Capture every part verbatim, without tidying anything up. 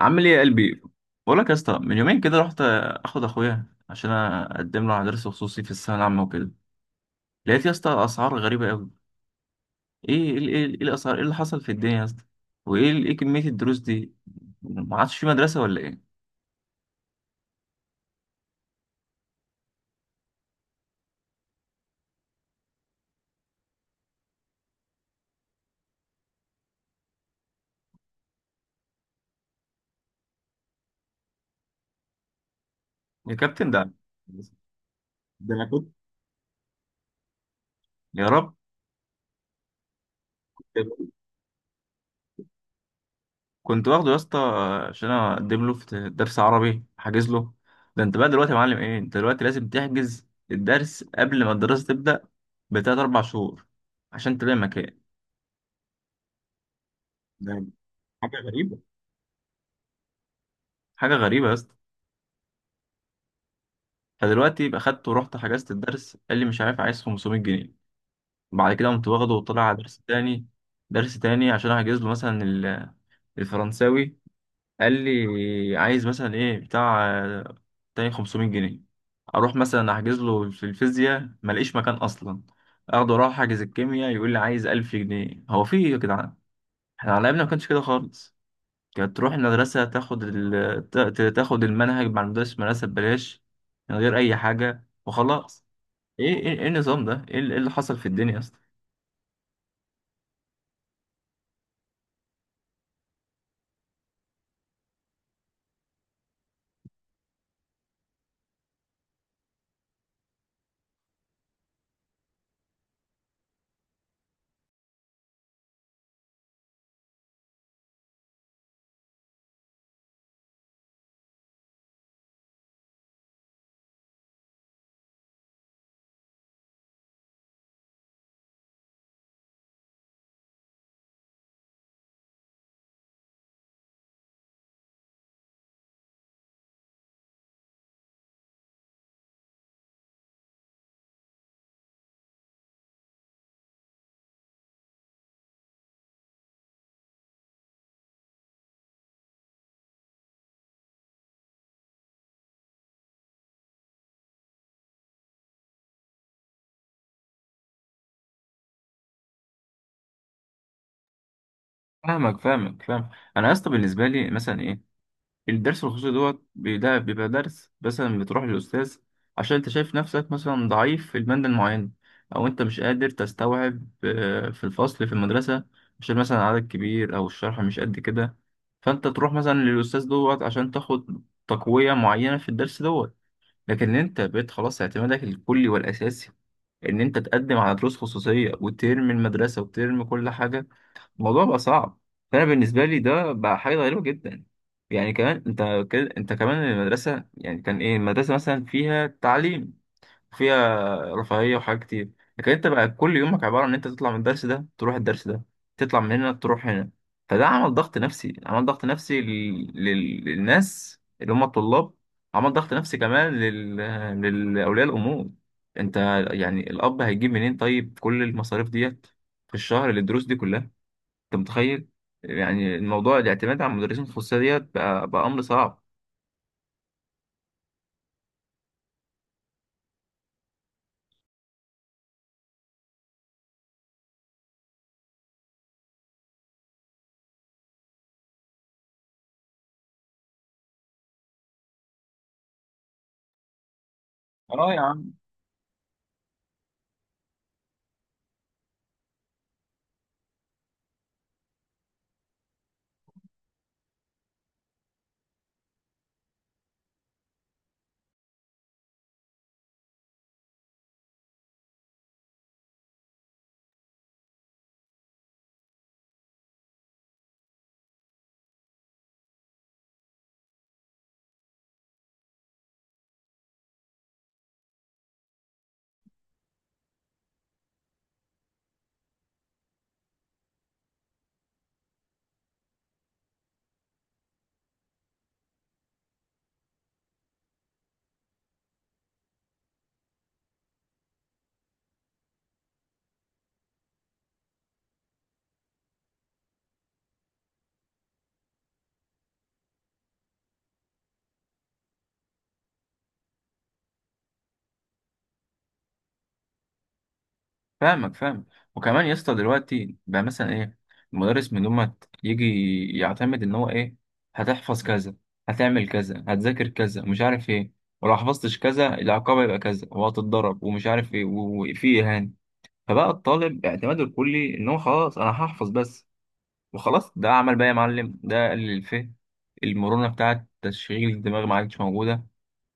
عامل ايه يا قلبي؟ بقول لك يا اسطى، من يومين كده رحت اخد اخويا عشان اقدم له على درس خصوصي في الثانويه العامه وكده. لقيت يا اسطى اسعار غريبه قوي. ايه ايه ايه إيه الاسعار، ايه اللي حصل في الدنيا يا اسطى؟ وايه ال- ايه كميه الدروس دي؟ ما عادش في مدرسه ولا ايه؟ يا كابتن ده. ده انا كنت. يا رب. كنت واخده يا اسطى عشان اقدم له في درس عربي حاجز له. ده انت بقى دلوقتي يا معلم، ايه انت دلوقتي لازم تحجز الدرس قبل ما الدراسه تبدا بتلات اربع شهور عشان تلاقي مكان. ده حاجة غريبة، حاجة غريبة يا اسطى. فدلوقتي يبقى خدت ورحت حجزت الدرس، قال لي مش عارف عايز خمسمائة جنيه. بعد كده قمت واخده وطلع على درس تاني، درس تاني عشان احجز له مثلا ال- الفرنساوي. قال لي عايز مثلا ايه بتاع آه، تاني خمسمية جنيه. اروح مثلا احجز له في الفيزياء، ملاقيش مكان اصلا. اخده اروح احجز الكيمياء، يقول لي عايز ألف جنيه. هو في ايه يا جدعان؟ احنا على ايامنا ما كانش كده خالص. كانت تروح المدرسة تاخد ال... تا- تاخد المنهج مع المدرس في المدرسة ببلاش، من غير أي حاجة وخلاص. إيه إيه إيه النظام ده؟ إيه اللي إيه اللي حصل في الدنيا يا اسطى؟ فاهمك فاهمك فاهم. أنا يا اسطى بالنسبة لي مثلا إيه؟ الدرس الخصوصي دوت بي- ده بيبقى درس مثلا بتروح للأستاذ عشان أنت شايف نفسك مثلا ضعيف في المادة المعينة، أو أنت مش قادر تستوعب آه، في الفصل في المدرسة، عشان مثلا عدد كبير أو الشرح مش قد كده. فأنت تروح مثلا للأستاذ دوت عشان تاخد تقوية معينة في الدرس دوت. لكن أنت بقيت خلاص اعتمادك الكلي والأساسي إن أنت تقدم على دروس خصوصية وترمي المدرسة وترمي كل حاجة. الموضوع بقى صعب. فانا بالنسبه لي ده بقى حاجه غريبه جدا. يعني كمان انت كده، انت كمان المدرسه يعني كان ايه؟ المدرسه مثلا فيها تعليم، فيها رفاهيه وحاجات كتير. لكن انت بقى كل يومك عباره عن ان انت تطلع من الدرس ده تروح الدرس ده، تطلع من هنا تروح هنا. فده عمل ضغط نفسي، عمل ضغط نفسي لل... لل... للناس اللي هم الطلاب. عمل ضغط نفسي كمان لل... للاولياء الامور. انت يعني الاب هيجيب منين طيب كل المصاريف ديت في الشهر للدروس دي كلها؟ انت متخيل؟ يعني الموضوع الاعتماد على المدرسين الخصوصيه ديت بقى بقى امر صعب. اه يا عم. فاهمك فاهم. وكمان يا اسطى دلوقتي بقى مثلا ايه، المدرس من لما يجي يعتمد ان هو ايه، هتحفظ كذا، هتعمل كذا، هتذاكر كذا، مش عارف ايه. ولو حفظتش كذا العقاب يبقى كذا وهتتضرب ومش عارف ايه، و- وفي اهانه. فبقى الطالب اعتماده الكلي ان هو خلاص انا هحفظ بس وخلاص. ده عمل بقى يا معلم، ده قلل الفهم. المرونة بتاعة تشغيل الدماغ ما عادش موجودة.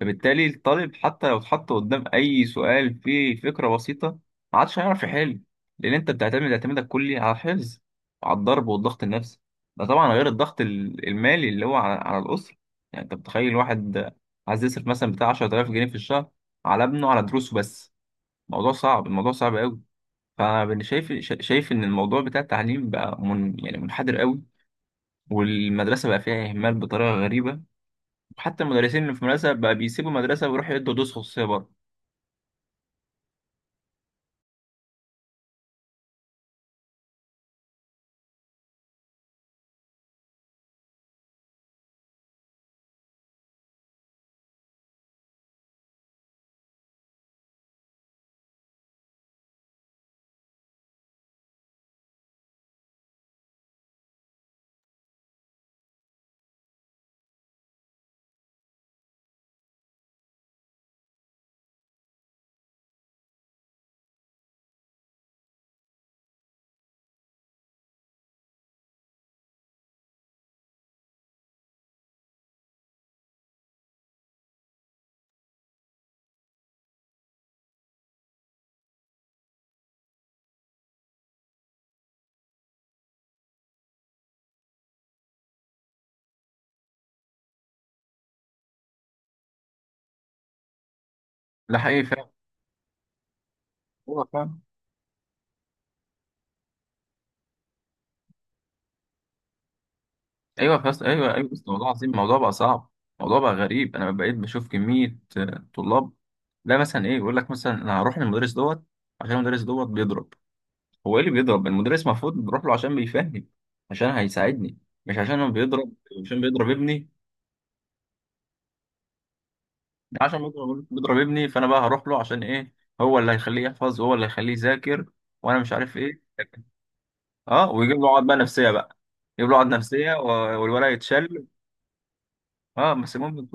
فبالتالي الطالب حتى لو اتحط قدام أي سؤال فيه فكرة بسيطة ما عادش هيعرف يحل، لأن أنت بتعتمد اعتمادك كلي على الحفظ وعلى الضرب والضغط النفسي. ده طبعا غير الضغط ال- المالي اللي هو على, على الأسرة. يعني أنت متخيل واحد عايز يصرف مثلا بتاع عشرة آلاف جنيه في الشهر على ابنه على دروسه بس؟ الموضوع صعب، الموضوع صعب قوي. فأنا شايف، شايف إن الموضوع بتاع التعليم بقى من يعني منحدر قوي. والمدرسة بقى فيها إهمال بطريقة غريبة، وحتى المدرسين اللي في المدرسة بقى بيسيبوا المدرسة ويروحوا يدوا دروس خصوصية بره. ده حقيقي فعلا. أيوة فعلا. أيوة فعلا، أيوة أيوة، بس الموضوع عظيم، الموضوع بقى صعب. الموضوع بقى غريب، أنا بقيت بشوف كمية آه، طلاب. لا مثلا إيه، يقول لك مثلا أنا هروح للمدرس دوت عشان المدرس دوت بيضرب. هو إيه اللي بيضرب؟ المدرس المفروض بروح له عشان بيفهم، عشان هيساعدني، مش عشان هو بيضرب. عشان بيضرب ابني، عشان بيضرب بيضرب ابني فانا بقى هروح له عشان ايه؟ هو اللي هيخليه يحفظ وهو اللي هيخليه يذاكر، وانا مش عارف ايه. اه، ويجيب له عقد بقى نفسيه بقى. يجيب له عقد نفسيه، و- والولد يتشل. اه بس المهم.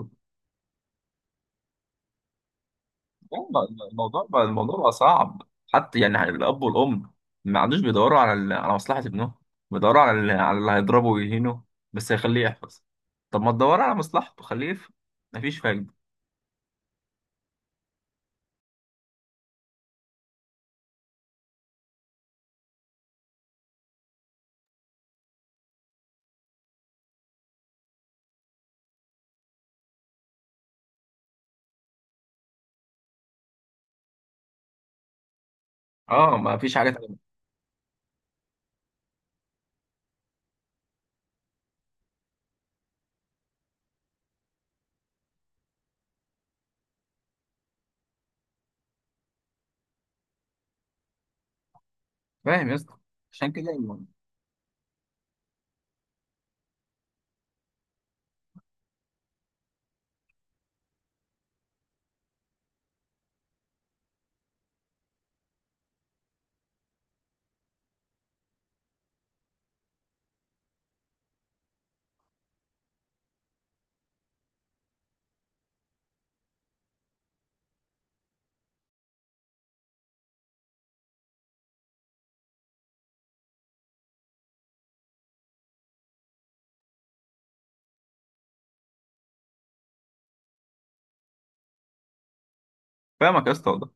آه، الموضوع بقى الموضوع بقى صعب. حتى يعني الاب والام ما عادوش بيدوروا على ال- على مصلحه ابنهم. بيدوروا على ال- على اللي هيضربه ويهينه، بس هيخليه يحفظ. طب ما تدور على مصلحته خليه يفهم. مفيش فايده. اه، مفيش حاجه تانيه. فاهم يا اسطى، عشان كده يعني. فاهمك يا اسطى والله.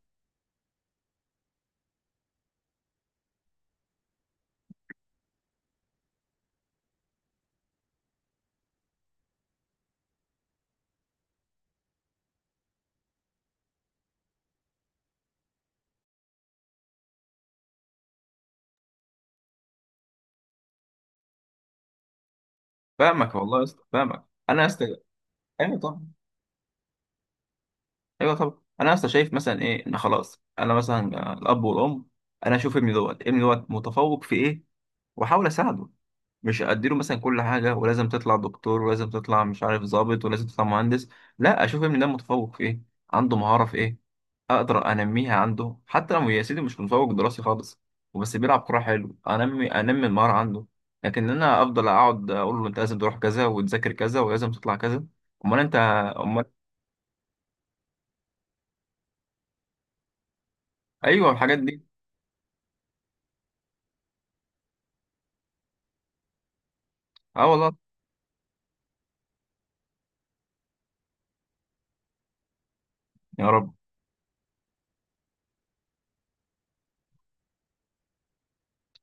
فاهمك والله يا اسطى، فاهمك انا يا اسطى. ايوه طبعا. ايوه طبعا، انا يا اسطى شايف مثلا ايه ان خلاص، انا مثلا الاب والام، انا اشوف ابني دوت ابني دوت متفوق في ايه، واحاول اساعده. مش اديله مثلا كل حاجه ولازم تطلع دكتور ولازم تطلع مش عارف ضابط ولازم تطلع مهندس. لا، اشوف ابني ده متفوق في ايه، عنده مهاره في ايه، اقدر انميها عنده. حتى لو يا سيدي مش متفوق دراسي خالص وبس بيلعب كوره حلو، انمي انمي المهاره عنده. لكن انا افضل اقعد اقول له انت لازم تروح كذا وتذاكر كذا ولازم تطلع كذا. امال انت؟ امال. ايوه الحاجات دي. اه والله. يا رب.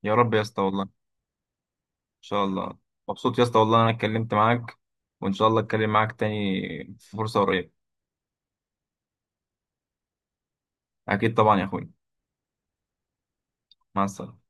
يا رب يا اسطى، والله ان شاء الله. مبسوط يا اسطى، والله انا اتكلمت معاك، وان شاء الله اتكلم معاك تاني في فرصه قريبه. اكيد طبعا يا اخوي. مع السلامه.